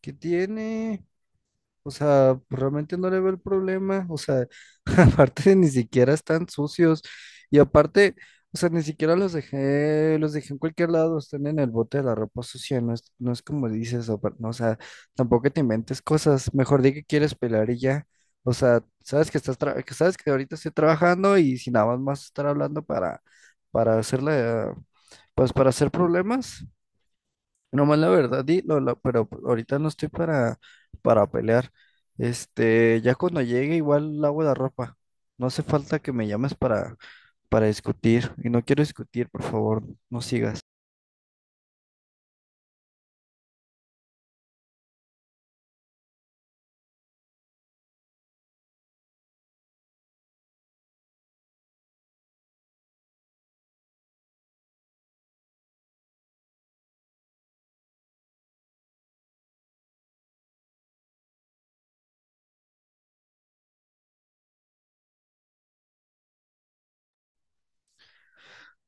¿Qué tiene? O sea, pues, realmente no le veo el problema. O sea, aparte ni siquiera están sucios. Y aparte, o sea, ni siquiera los dejé en cualquier lado, están en el bote de la ropa sucia. No es como dices, no, o sea, tampoco te inventes cosas. Mejor di que quieres pelar y ya. O sea, que sabes que ahorita estoy trabajando y si nada más vas a estar hablando para hacerle, pues para hacer problemas. Nomás la verdad, pero pues, ahorita no estoy para pelear. Este, ya cuando llegue igual lavo la ropa. No hace falta que me llames para discutir. Y no quiero discutir, por favor, no sigas.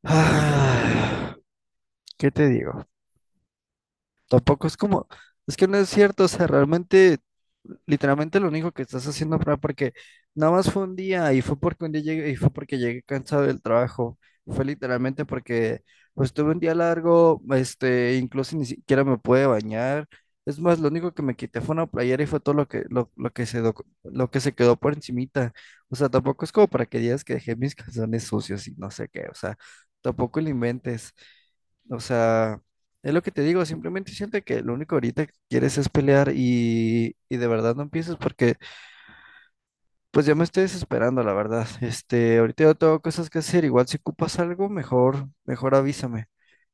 Ah, ¿qué te digo? Tampoco es como, es que no es cierto, o sea, realmente, literalmente lo único que estás haciendo fue porque nada más fue un día y fue porque un día llegué y fue porque llegué cansado del trabajo, fue literalmente porque pues tuve un día largo, este, incluso ni siquiera me pude bañar. Es más, lo único que me quité fue una playera y fue todo lo que lo que se quedó por encimita. O sea, tampoco es como para que digas que dejé mis calzones sucios y no sé qué, o sea, tampoco lo inventes. O sea, es lo que te digo, simplemente siento que lo único ahorita que quieres es pelear y de verdad no empieces porque pues ya me estoy desesperando, la verdad. Este, ahorita yo tengo cosas que hacer, igual si ocupas algo, mejor avísame.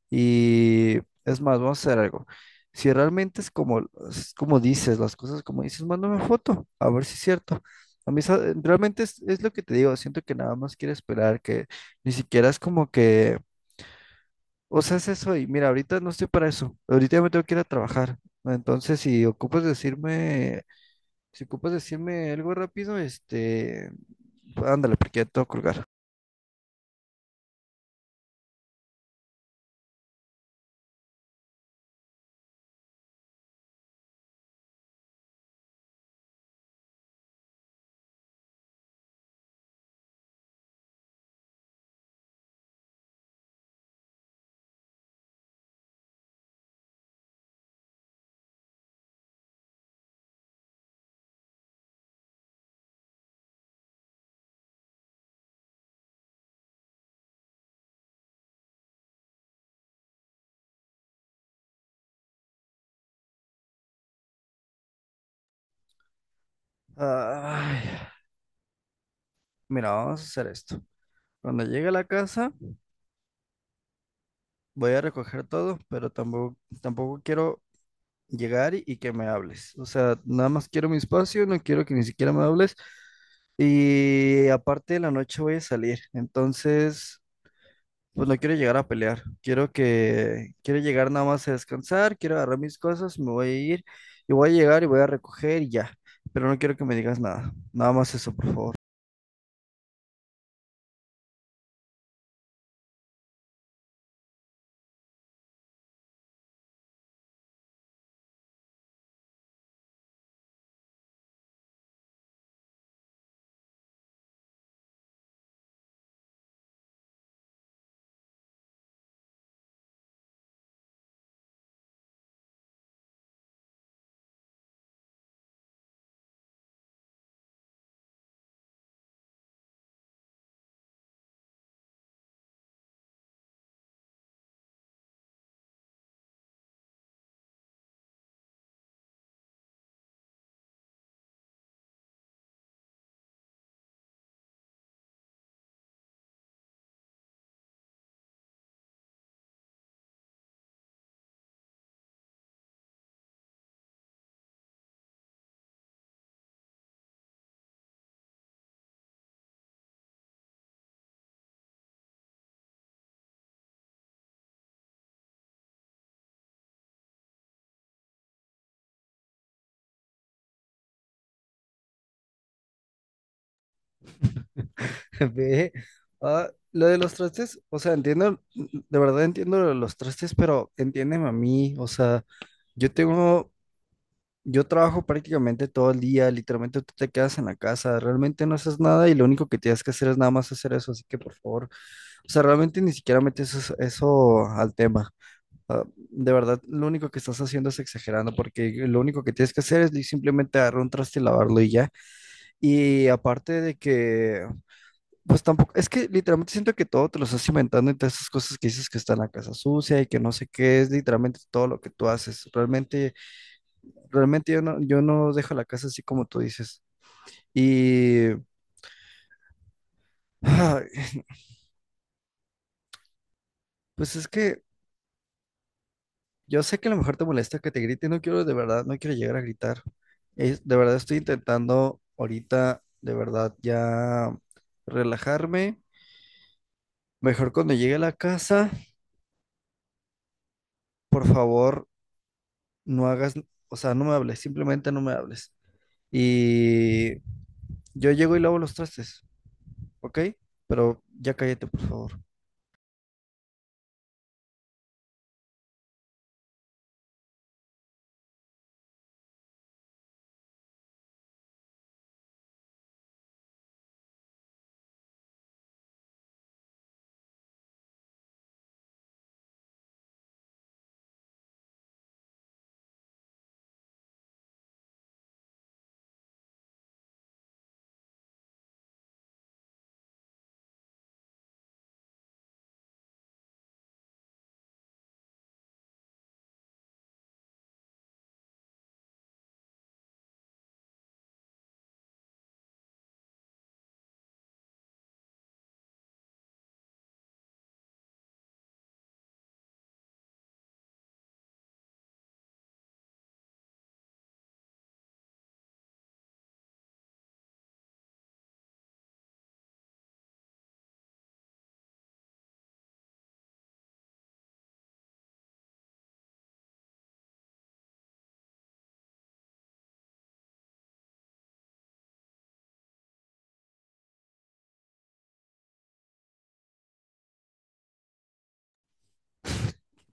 Y es más, vamos a hacer algo. Si realmente es como dices, las cosas como dices, mándame foto, a ver si es cierto. Realmente es lo que te digo, siento que nada más quieres esperar, que ni siquiera es como que o sea, es eso. Y mira, ahorita no estoy para eso. Ahorita ya me tengo que ir a trabajar. Entonces, si ocupas decirme algo rápido, este, ándale, porque ya tengo que colgar. Ay, mira, vamos a hacer esto. Cuando llegue a la casa, voy a recoger todo, pero tampoco quiero llegar y que me hables. O sea, nada más quiero mi espacio, no quiero que ni siquiera me hables. Y aparte de la noche voy a salir. Entonces, pues no quiero llegar a pelear. Quiero llegar nada más a descansar, quiero agarrar mis cosas, me voy a ir y voy a llegar y voy a recoger y ya. Pero no quiero que me digas nada. Nada más eso, por favor. Ve, ah, lo de los trastes, o sea, entiendo, de verdad entiendo lo de los trastes, pero entiéndeme a mí, o sea, yo tengo, yo trabajo prácticamente todo el día, literalmente tú te quedas en la casa, realmente no haces nada y lo único que tienes que hacer es nada más hacer eso, así que por favor, o sea, realmente ni siquiera metes eso al tema. Ah, de verdad, lo único que estás haciendo es exagerando, porque lo único que tienes que hacer simplemente agarrar un traste y lavarlo y ya. Y aparte de que, pues tampoco, es que literalmente siento que todo te lo estás inventando en todas esas cosas que dices que está en la casa sucia y que no sé qué, es literalmente todo lo que tú haces. Realmente yo no dejo la casa así como tú dices. Y pues es que yo sé que a lo mejor te molesta que te grite, no quiero de verdad, no quiero llegar a gritar. Es, de verdad estoy intentando ahorita, de verdad, ya relajarme. Mejor cuando llegue a la casa, por favor, no hagas, o sea, no me hables, simplemente no me hables. Y yo llego y lavo los trastes, ¿ok? Pero ya cállate, por favor.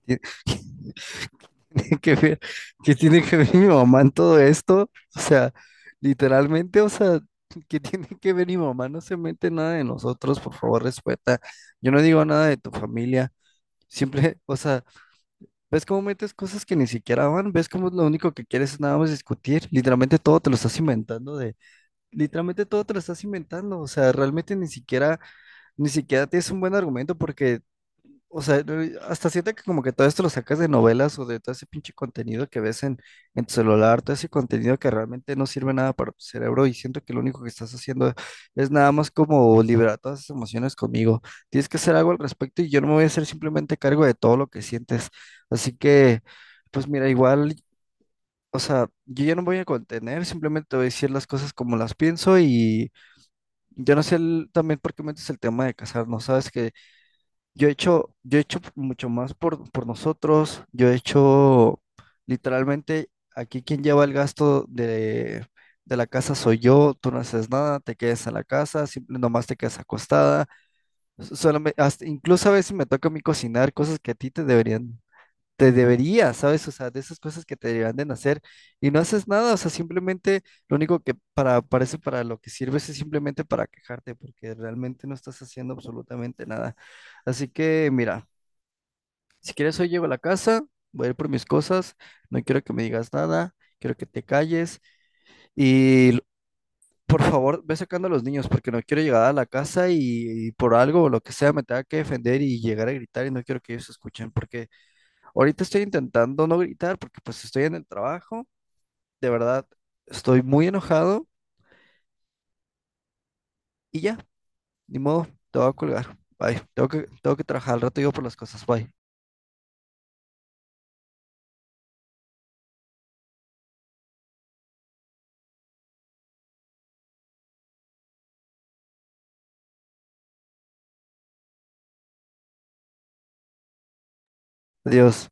tiene que ver, ¿qué tiene que ver mi mamá en todo esto? O sea, literalmente, o sea, ¿qué tiene que ver mi mamá? No se mete en nada de nosotros, por favor, respeta. Yo no digo nada de tu familia. Siempre, o sea, ¿ves cómo metes cosas que ni siquiera van? ¿Ves cómo lo único que quieres es nada más discutir? Literalmente todo te lo estás inventando de, literalmente todo te lo estás inventando, o sea, realmente ni siquiera tienes un buen argumento porque o sea, no, hasta siento que como que todo esto lo sacas de novelas o de todo ese pinche contenido que ves en tu celular, todo ese contenido que realmente no sirve nada para tu cerebro y siento que lo único que estás haciendo es nada más como liberar todas esas emociones conmigo. Tienes que hacer algo al respecto y yo no me voy a hacer simplemente cargo de todo lo que sientes. Así que, pues mira, igual, o sea, yo ya no me voy a contener, simplemente te voy a decir las cosas como las pienso y yo no sé el- también por qué metes el tema de casarnos, ¿sabes? Yo he hecho mucho más por nosotros. Yo he hecho literalmente aquí quien lleva el gasto de la casa soy yo. Tú no haces nada, te quedas en la casa, simple, nomás te quedas acostada. Solamente, incluso a veces me toca a mí cocinar cosas que a ti te deberían te debería, ¿sabes? O sea, de esas cosas que te deberían de nacer y no haces nada, o sea, simplemente lo único parece para lo que sirves es simplemente para quejarte, porque realmente no estás haciendo absolutamente nada. Así que, mira, si quieres hoy llego a la casa, voy a ir por mis cosas, no quiero que me digas nada, quiero que te calles y l- por favor, ve sacando a los niños porque no quiero llegar a la casa y por algo o lo que sea me tenga que defender y llegar a gritar y no quiero que ellos escuchen porque ahorita estoy intentando no gritar porque pues estoy en el trabajo. De verdad, estoy muy enojado y ya, ni modo, te voy a colgar. Bye. Tengo que trabajar al rato digo por las cosas. Bye. Adiós.